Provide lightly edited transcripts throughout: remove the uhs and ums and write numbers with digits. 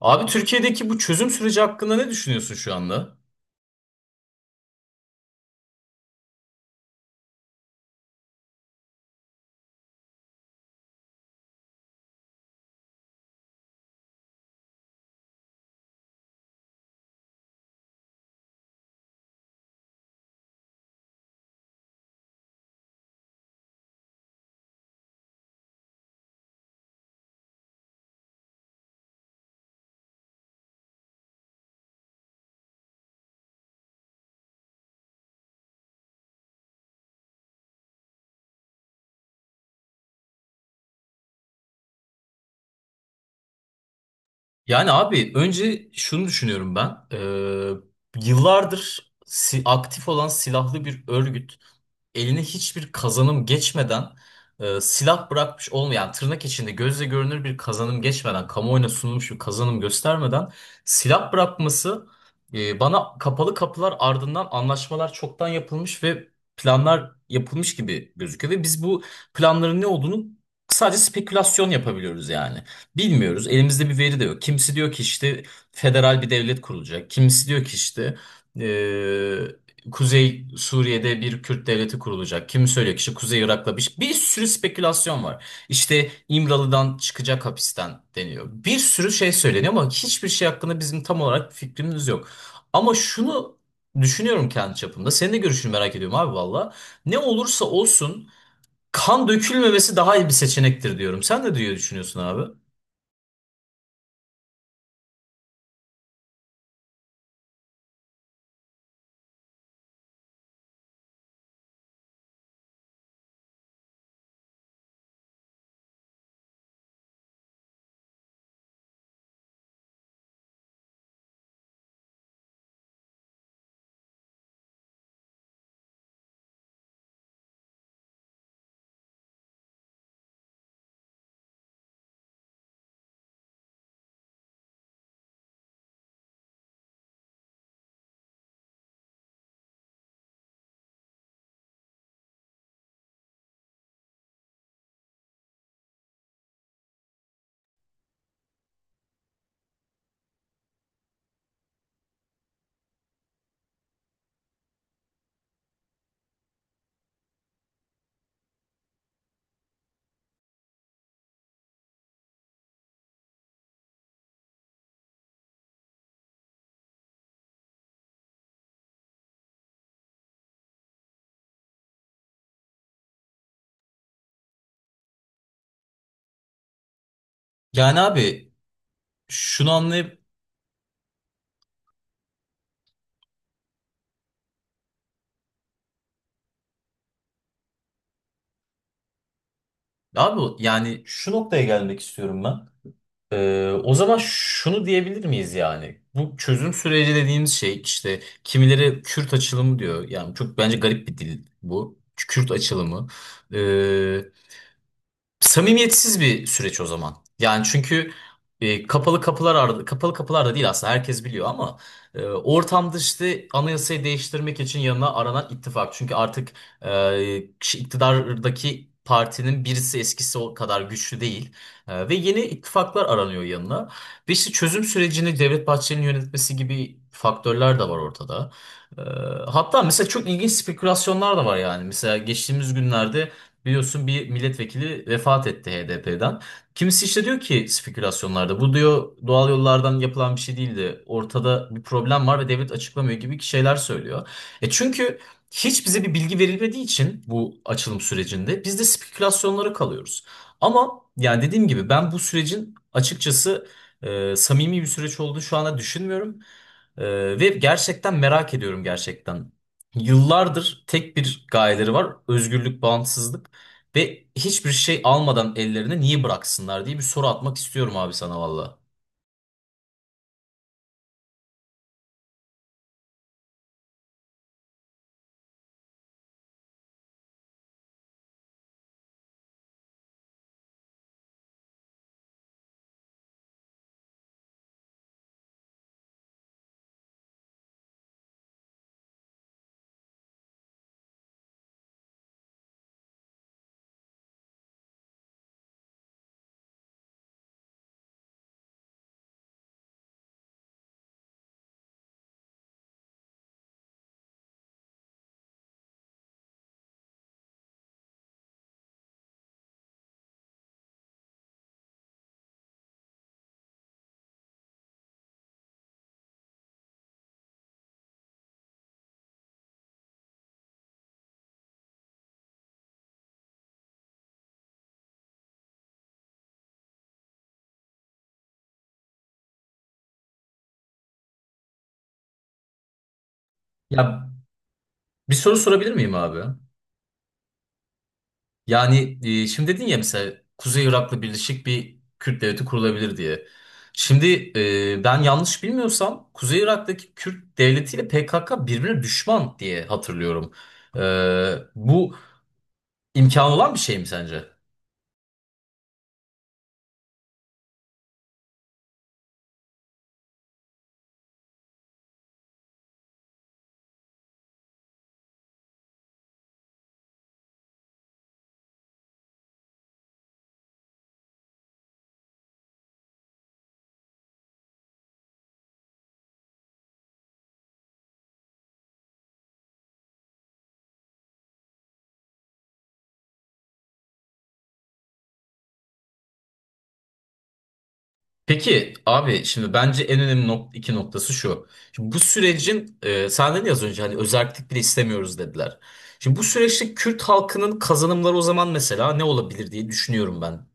Abi Türkiye'deki bu çözüm süreci hakkında ne düşünüyorsun şu anda? Yani abi önce şunu düşünüyorum ben. Yıllardır aktif olan silahlı bir örgüt eline hiçbir kazanım geçmeden silah bırakmış olmayan, yani tırnak içinde gözle görünür bir kazanım geçmeden, kamuoyuna sunulmuş bir kazanım göstermeden silah bırakması bana kapalı kapılar ardından anlaşmalar çoktan yapılmış ve planlar yapılmış gibi gözüküyor ve biz bu planların ne olduğunu sadece spekülasyon yapabiliyoruz yani. Bilmiyoruz. Elimizde bir veri de yok. Kimisi diyor ki işte federal bir devlet kurulacak. Kimisi diyor ki işte Kuzey Suriye'de bir Kürt devleti kurulacak. Kimi söylüyor ki işte Kuzey Irak'la bir, bir sürü spekülasyon var. İşte İmralı'dan çıkacak hapisten deniyor. Bir sürü şey söyleniyor ama hiçbir şey hakkında bizim tam olarak bir fikrimiz yok. Ama şunu düşünüyorum kendi çapımda. Senin de görüşünü merak ediyorum abi valla. Ne olursa olsun kan dökülmemesi daha iyi bir seçenektir diyorum. Sen de diye düşünüyorsun abi. Yani abi şunu anlayıp Abi yani şu noktaya gelmek istiyorum ben. O zaman şunu diyebilir miyiz yani? Bu çözüm süreci dediğimiz şey, işte kimileri Kürt açılımı diyor. Yani çok bence garip bir dil bu. Kürt açılımı. Ee, Samimiyetsiz bir süreç o zaman. Yani çünkü kapalı kapılar da değil aslında, herkes biliyor ama ortamda işte anayasayı değiştirmek için yanına aranan ittifak. Çünkü artık iktidardaki partinin birisi eskisi o kadar güçlü değil. Ve yeni ittifaklar aranıyor yanına. Ve işte çözüm sürecini Devlet Bahçeli'nin yönetmesi gibi faktörler de var ortada. E, Hatta mesela çok ilginç spekülasyonlar da var yani. Mesela geçtiğimiz günlerde biliyorsun bir milletvekili vefat etti HDP'den. Kimisi işte diyor ki spekülasyonlarda, bu diyor doğal yollardan yapılan bir şey değildi. Ortada bir problem var ve devlet açıklamıyor gibi şeyler söylüyor. Çünkü hiç bize bir bilgi verilmediği için bu açılım sürecinde biz de spekülasyonlara kalıyoruz. Ama yani dediğim gibi, ben bu sürecin açıkçası samimi bir süreç olduğunu şu anda düşünmüyorum. Ve gerçekten merak ediyorum, gerçekten. Yıllardır tek bir gayeleri var. Özgürlük, bağımsızlık. Ve hiçbir şey almadan ellerine niye bıraksınlar diye bir soru atmak istiyorum abi sana valla. Ya bir soru sorabilir miyim abi? Yani şimdi dedin ya, mesela Kuzey Irak'la birleşik bir Kürt devleti kurulabilir diye. Şimdi ben yanlış bilmiyorsam Kuzey Irak'taki Kürt devletiyle PKK birbirine düşman diye hatırlıyorum. E, Bu imkan olan bir şey mi sence? Peki abi şimdi bence en önemli iki noktası şu. Şimdi bu sürecin sen dedin ya az önce, hani özerklik bile istemiyoruz dediler. Şimdi bu süreçte Kürt halkının kazanımları o zaman mesela ne olabilir diye düşünüyorum ben.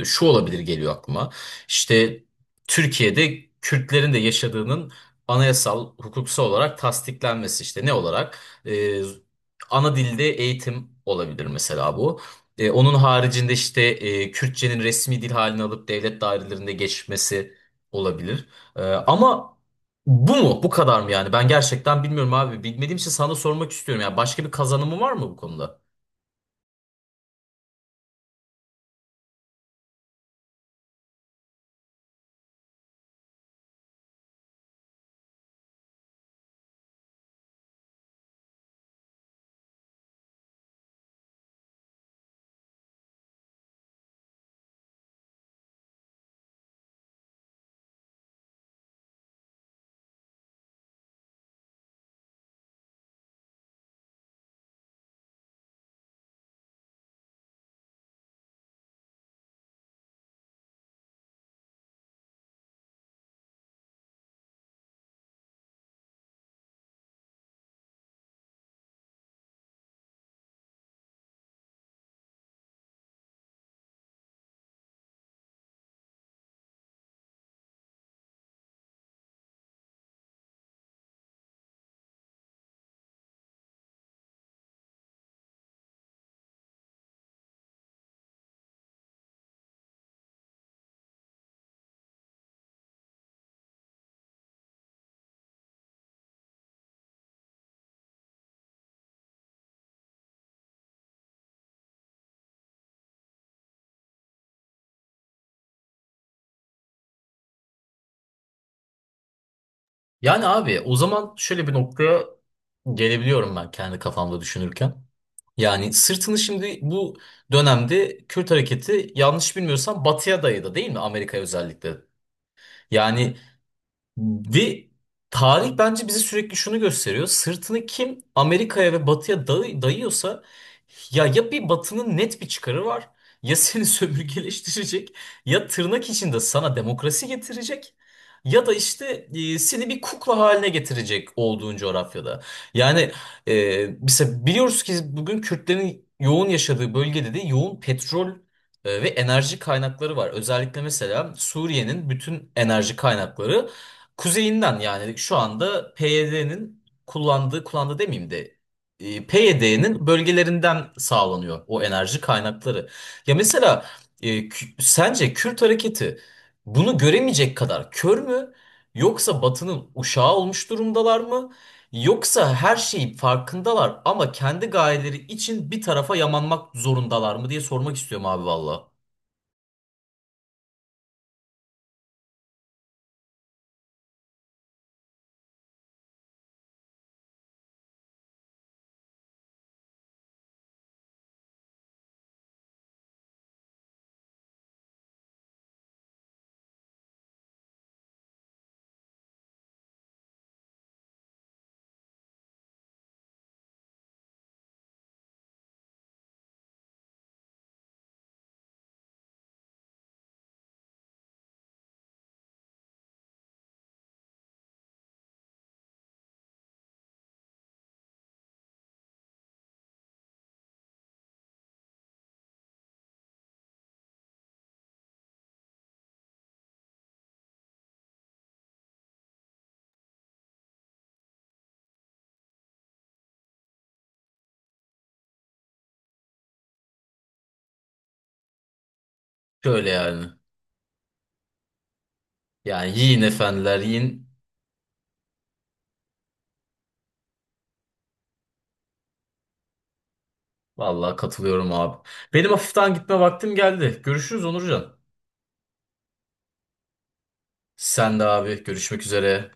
Şu olabilir geliyor aklıma. İşte Türkiye'de Kürtlerin de yaşadığının anayasal hukuksal olarak tasdiklenmesi, işte ne olarak? E, Ana dilde eğitim olabilir mesela bu. Onun haricinde işte Kürtçenin resmi dil halini alıp devlet dairelerinde geçmesi olabilir. Ama bu mu? Bu kadar mı yani? Ben gerçekten bilmiyorum abi. Bilmediğim için sana sormak istiyorum. Yani başka bir kazanımı var mı bu konuda? Yani abi o zaman şöyle bir noktaya gelebiliyorum ben kendi kafamda düşünürken. Yani sırtını şimdi bu dönemde Kürt hareketi yanlış bilmiyorsam batıya dayadı, değil mi? Amerika'ya özellikle. Yani Ve tarih bence bize sürekli şunu gösteriyor. Sırtını kim Amerika'ya ve Batı'ya dayıyorsa, ya ya bir Batı'nın net bir çıkarı var, ya seni sömürgeleştirecek, ya tırnak içinde sana demokrasi getirecek, ya da işte seni bir kukla haline getirecek olduğun coğrafyada. Yani mesela biliyoruz ki bugün Kürtlerin yoğun yaşadığı bölgede de yoğun petrol ve enerji kaynakları var. Özellikle mesela Suriye'nin bütün enerji kaynakları kuzeyinden, yani şu anda kullandığı demeyeyim de PYD'nin bölgelerinden sağlanıyor o enerji kaynakları. Ya mesela sence Kürt hareketi bunu göremeyecek kadar kör mü? Yoksa Batı'nın uşağı olmuş durumdalar mı? Yoksa her şeyin farkındalar ama kendi gayeleri için bir tarafa yamanmak zorundalar mı diye sormak istiyorum abi valla. Şöyle yani. Yani yiyin efendiler yiyin. Vallahi katılıyorum abi. Benim hafiften gitme vaktim geldi. Görüşürüz Onurcan. Sen de abi, görüşmek üzere.